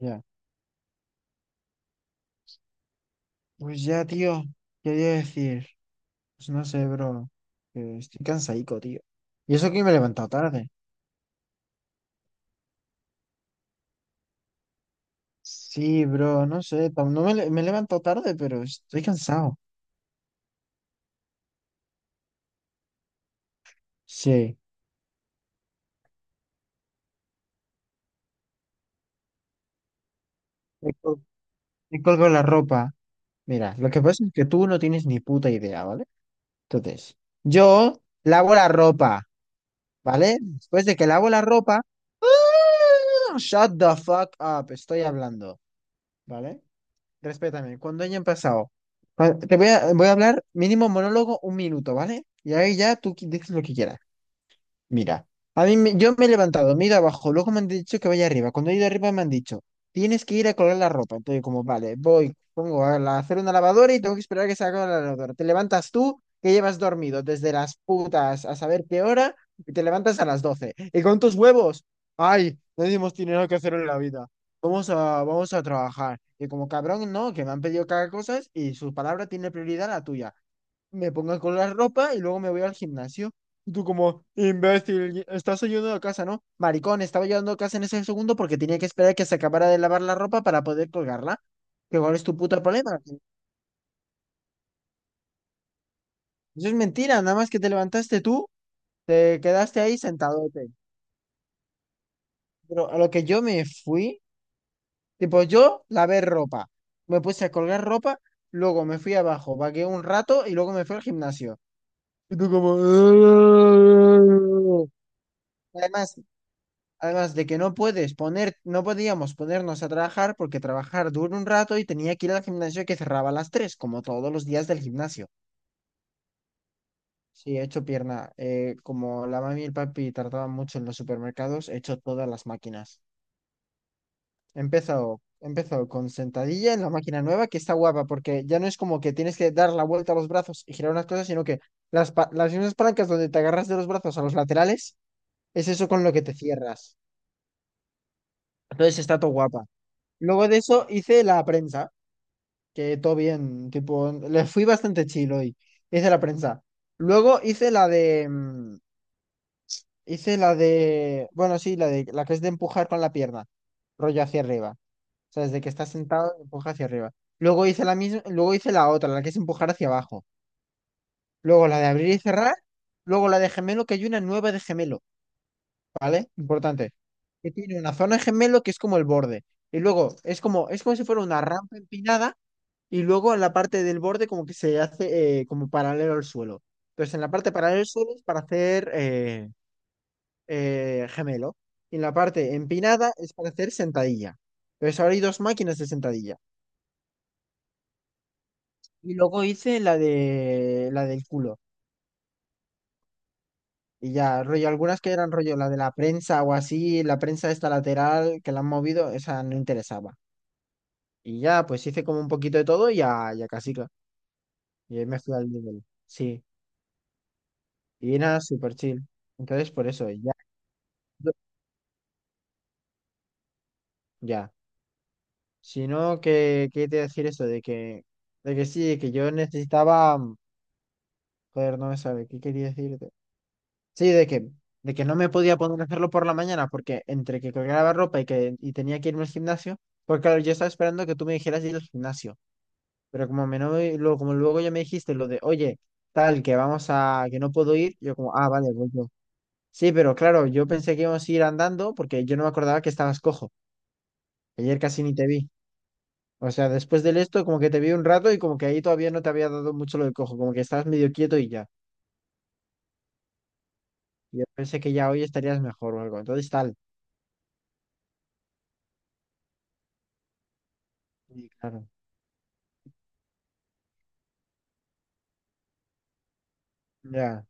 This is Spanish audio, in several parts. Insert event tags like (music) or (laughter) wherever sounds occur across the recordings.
Ya. Pues ya, tío, quería decir, pues no sé, bro, que estoy cansadico, tío. Y eso que me he levantado tarde. Sí, bro, no sé, tam- no me, le- me he levantado tarde, pero estoy cansado. Sí, me, col- me colgo la ropa. Mira, lo que pasa es que tú no tienes ni puta idea, ¿vale? Entonces, yo lavo la ropa, ¿vale? Después de que lavo la ropa, ¡ah! Shut the fuck up, estoy hablando, ¿vale? Respétame, cuando hayan pasado, voy a hablar mínimo monólogo un minuto, ¿vale? Y ahí ya tú dices lo que quieras. Mira, yo me he levantado, me he ido abajo, luego me han dicho que vaya arriba. Cuando he ido arriba me han dicho, tienes que ir a colgar la ropa. Entonces, como, vale, voy, pongo a hacer una lavadora y tengo que esperar a que se haga la lavadora. Te levantas tú, que llevas dormido desde las putas a saber qué hora, y te levantas a las 12:00. Y con tus huevos, ay, no tenemos dinero que hacer en la vida. Vamos a, vamos a trabajar. Y como cabrón, no, que me han pedido cada cosa y su palabra tiene prioridad a la tuya, me pongo a la ropa y luego me voy al gimnasio. Y tú como, imbécil, estás ayudando a casa, ¿no? Maricón, estaba ayudando a casa en ese segundo porque tenía que esperar que se acabara de lavar la ropa para poder colgarla. Que cuál es tu puto problema. Eso es mentira, nada más que te levantaste tú, te quedaste ahí sentadote. Pero a lo que yo me fui, tipo, yo lavé ropa, me puse a colgar ropa, luego me fui abajo, vagué un rato y luego me fui al gimnasio. Y tú como... (laughs) Además, Además de que no puedes poner, no podíamos ponernos a trabajar porque trabajar dura un rato y tenía que ir al gimnasio que cerraba a las 3:00 como todos los días del gimnasio. Sí, he hecho pierna. Como la mami y el papi tardaban mucho en los supermercados, he hecho todas las máquinas. He empezado con sentadilla en la máquina nueva, que está guapa, porque ya no es como que tienes que dar la vuelta a los brazos y girar unas cosas, sino que las mismas palancas donde te agarras de los brazos a los laterales, es eso con lo que te cierras. Entonces está todo guapa. Luego de eso hice la prensa, que todo bien, tipo, le fui bastante chill hoy. Hice la prensa. Luego hice la que es de empujar con la pierna, rollo hacia arriba. O sea, desde que estás sentado, empuja hacia arriba. Luego hice la otra, la que es empujar hacia abajo. Luego la de abrir y cerrar. Luego la de gemelo, que hay una nueva de gemelo, ¿vale? Importante. Que tiene una zona de gemelo que es como el borde. Y luego es como si fuera una rampa empinada y luego en la parte del borde como que se hace como paralelo al suelo. Entonces en la parte paralela al suelo es para hacer gemelo y en la parte empinada es para hacer sentadilla. Entonces ahora hay dos máquinas de sentadilla. Y luego hice la de la del culo. Y ya, rollo, algunas que eran rollo, la de la prensa o así, la prensa esta lateral que la han movido, esa no interesaba. Y ya, pues hice como un poquito de todo y ya, ya casi. Y ahí me fui al nivel. Sí. Y era súper chill. Entonces, por eso, ya. Ya. Sino que, ¿qué te iba a decir eso? De que yo necesitaba, joder, no me sabe, ¿qué quería decirte? Sí, de que no me podía poner a hacerlo por la mañana, porque entre que colgaba ropa y tenía que irme al gimnasio, porque claro, yo estaba esperando que tú me dijeras de ir al gimnasio, pero como me no, luego, como luego ya me dijiste lo de, oye, tal, que no puedo ir, yo como, ah, vale, voy yo. Sí, pero claro, yo pensé que íbamos a ir andando, porque yo no me acordaba que estabas cojo, ayer casi ni te vi. O sea, después del esto, como que te vi un rato y como que ahí todavía no te había dado mucho lo de cojo, como que estabas medio quieto y ya. Yo pensé que ya hoy estarías mejor o algo. Entonces tal. Sí, claro. Ya.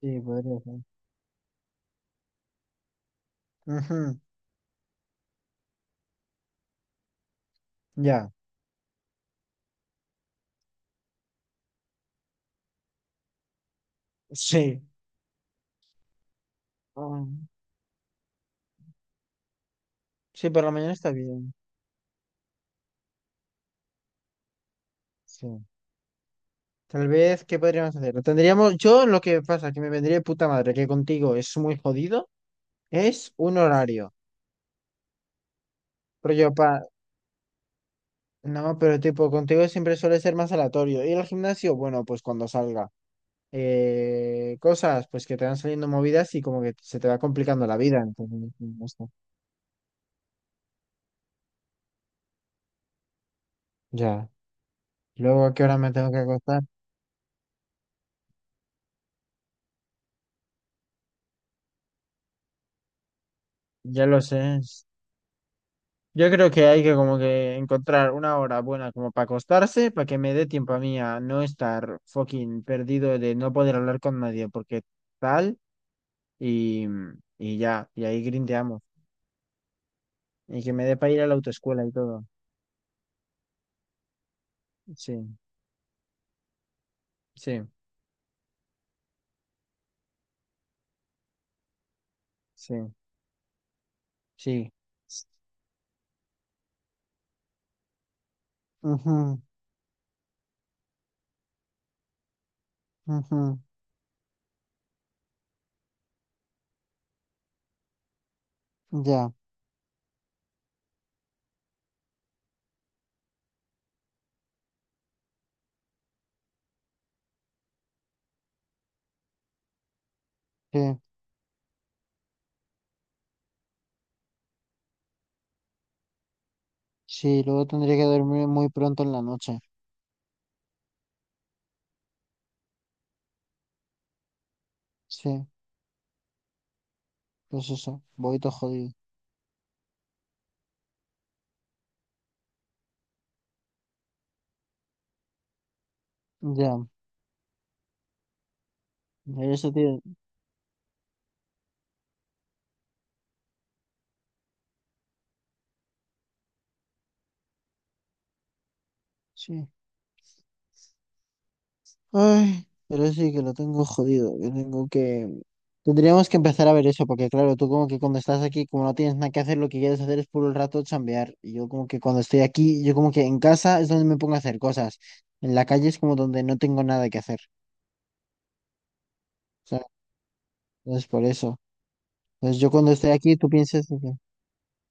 Sí, podría ser. Ujú. Ya. Sí. Mm. Sí, por la mañana está bien. Sí. Tal vez, ¿qué podríamos hacer? Tendríamos, yo lo que pasa, que me vendría de puta madre, que contigo es muy jodido, es un horario. Pero yo pa... No, pero tipo, contigo siempre suele ser más aleatorio. Ir al gimnasio, bueno, pues cuando salga, cosas pues que te van saliendo movidas y como que se te va complicando la vida. Entonces, no sé. Ya. Luego, ¿a qué hora me tengo que acostar? Ya lo sé. Yo creo que hay que como que encontrar una hora buena como para acostarse, para que me dé tiempo a mí a no estar fucking perdido de no poder hablar con nadie, porque tal y, y ya, y ahí grindeamos. Y que me dé para ir a la autoescuela y todo. Sí, sí, sí, sí. Ujú, ujú, ya, sí. Sí, luego tendría que dormir muy pronto en la noche. Sí, pues eso, voy todo jodido. Ya, pero eso tiene, sí. Ay, pero sí que lo tengo jodido, que tengo que... Tendríamos que empezar a ver eso, porque claro, tú como que cuando estás aquí, como no tienes nada que hacer, lo que quieres hacer es puro el rato chambear. Y yo como que cuando estoy aquí, yo como que en casa es donde me pongo a hacer cosas. En la calle es como donde no tengo nada que hacer. ¿Sabes? Entonces por eso. Entonces yo cuando estoy aquí, tú piensas de que...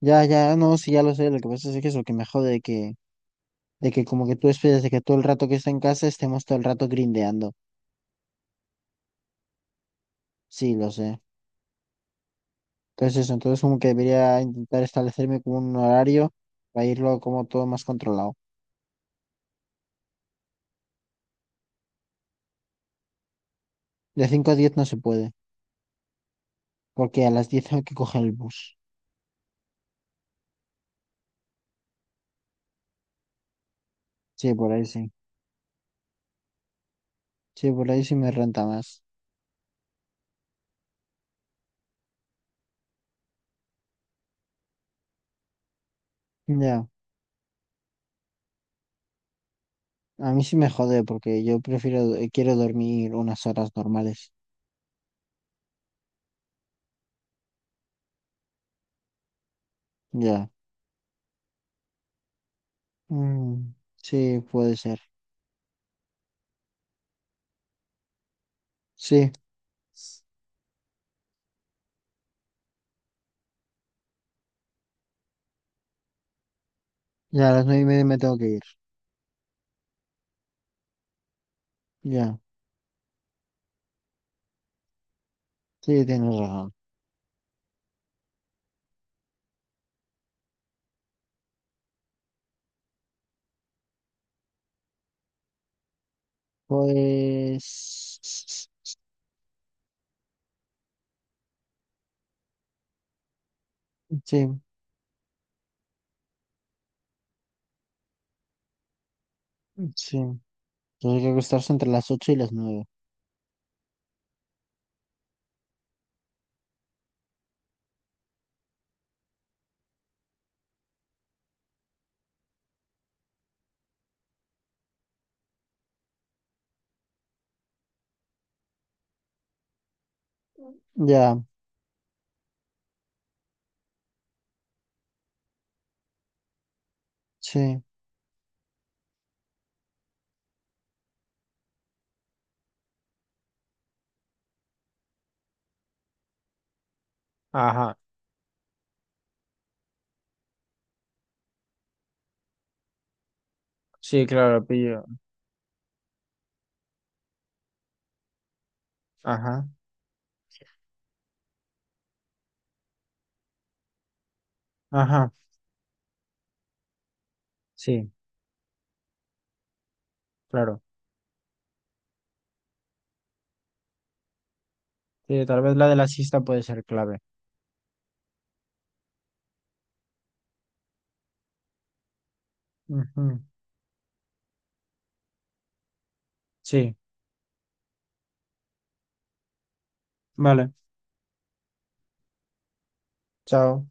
Ya, ya, no, sí, ya lo sé. Lo que pasa es que eso, que me jode que... De que como que tú esperas de que todo el rato que está en casa estemos todo el rato grindeando. Sí, lo sé. Entonces eso, entonces como que debería intentar establecerme como un horario para irlo como todo más controlado. De 5:00 a 10:00 no se puede, porque a las 10:00 tengo que coger el bus. Sí, por ahí sí. Sí, por ahí sí me renta más. Ya, a mí sí me jode porque yo prefiero, quiero dormir unas horas normales. Ya. Mm, sí, puede ser. Sí, ya a las 9:30 me tengo que ir. Ya, sí, tienes razón. Pues sí, sí. Tendría que acostarse entre las 8:00 y las 9:00. Ya, sí. Ajá, sí, claro, pillo. Ajá, ajá, sí, claro. Sí, tal vez la de la siesta puede ser clave. Ujú. Sí, vale, chao.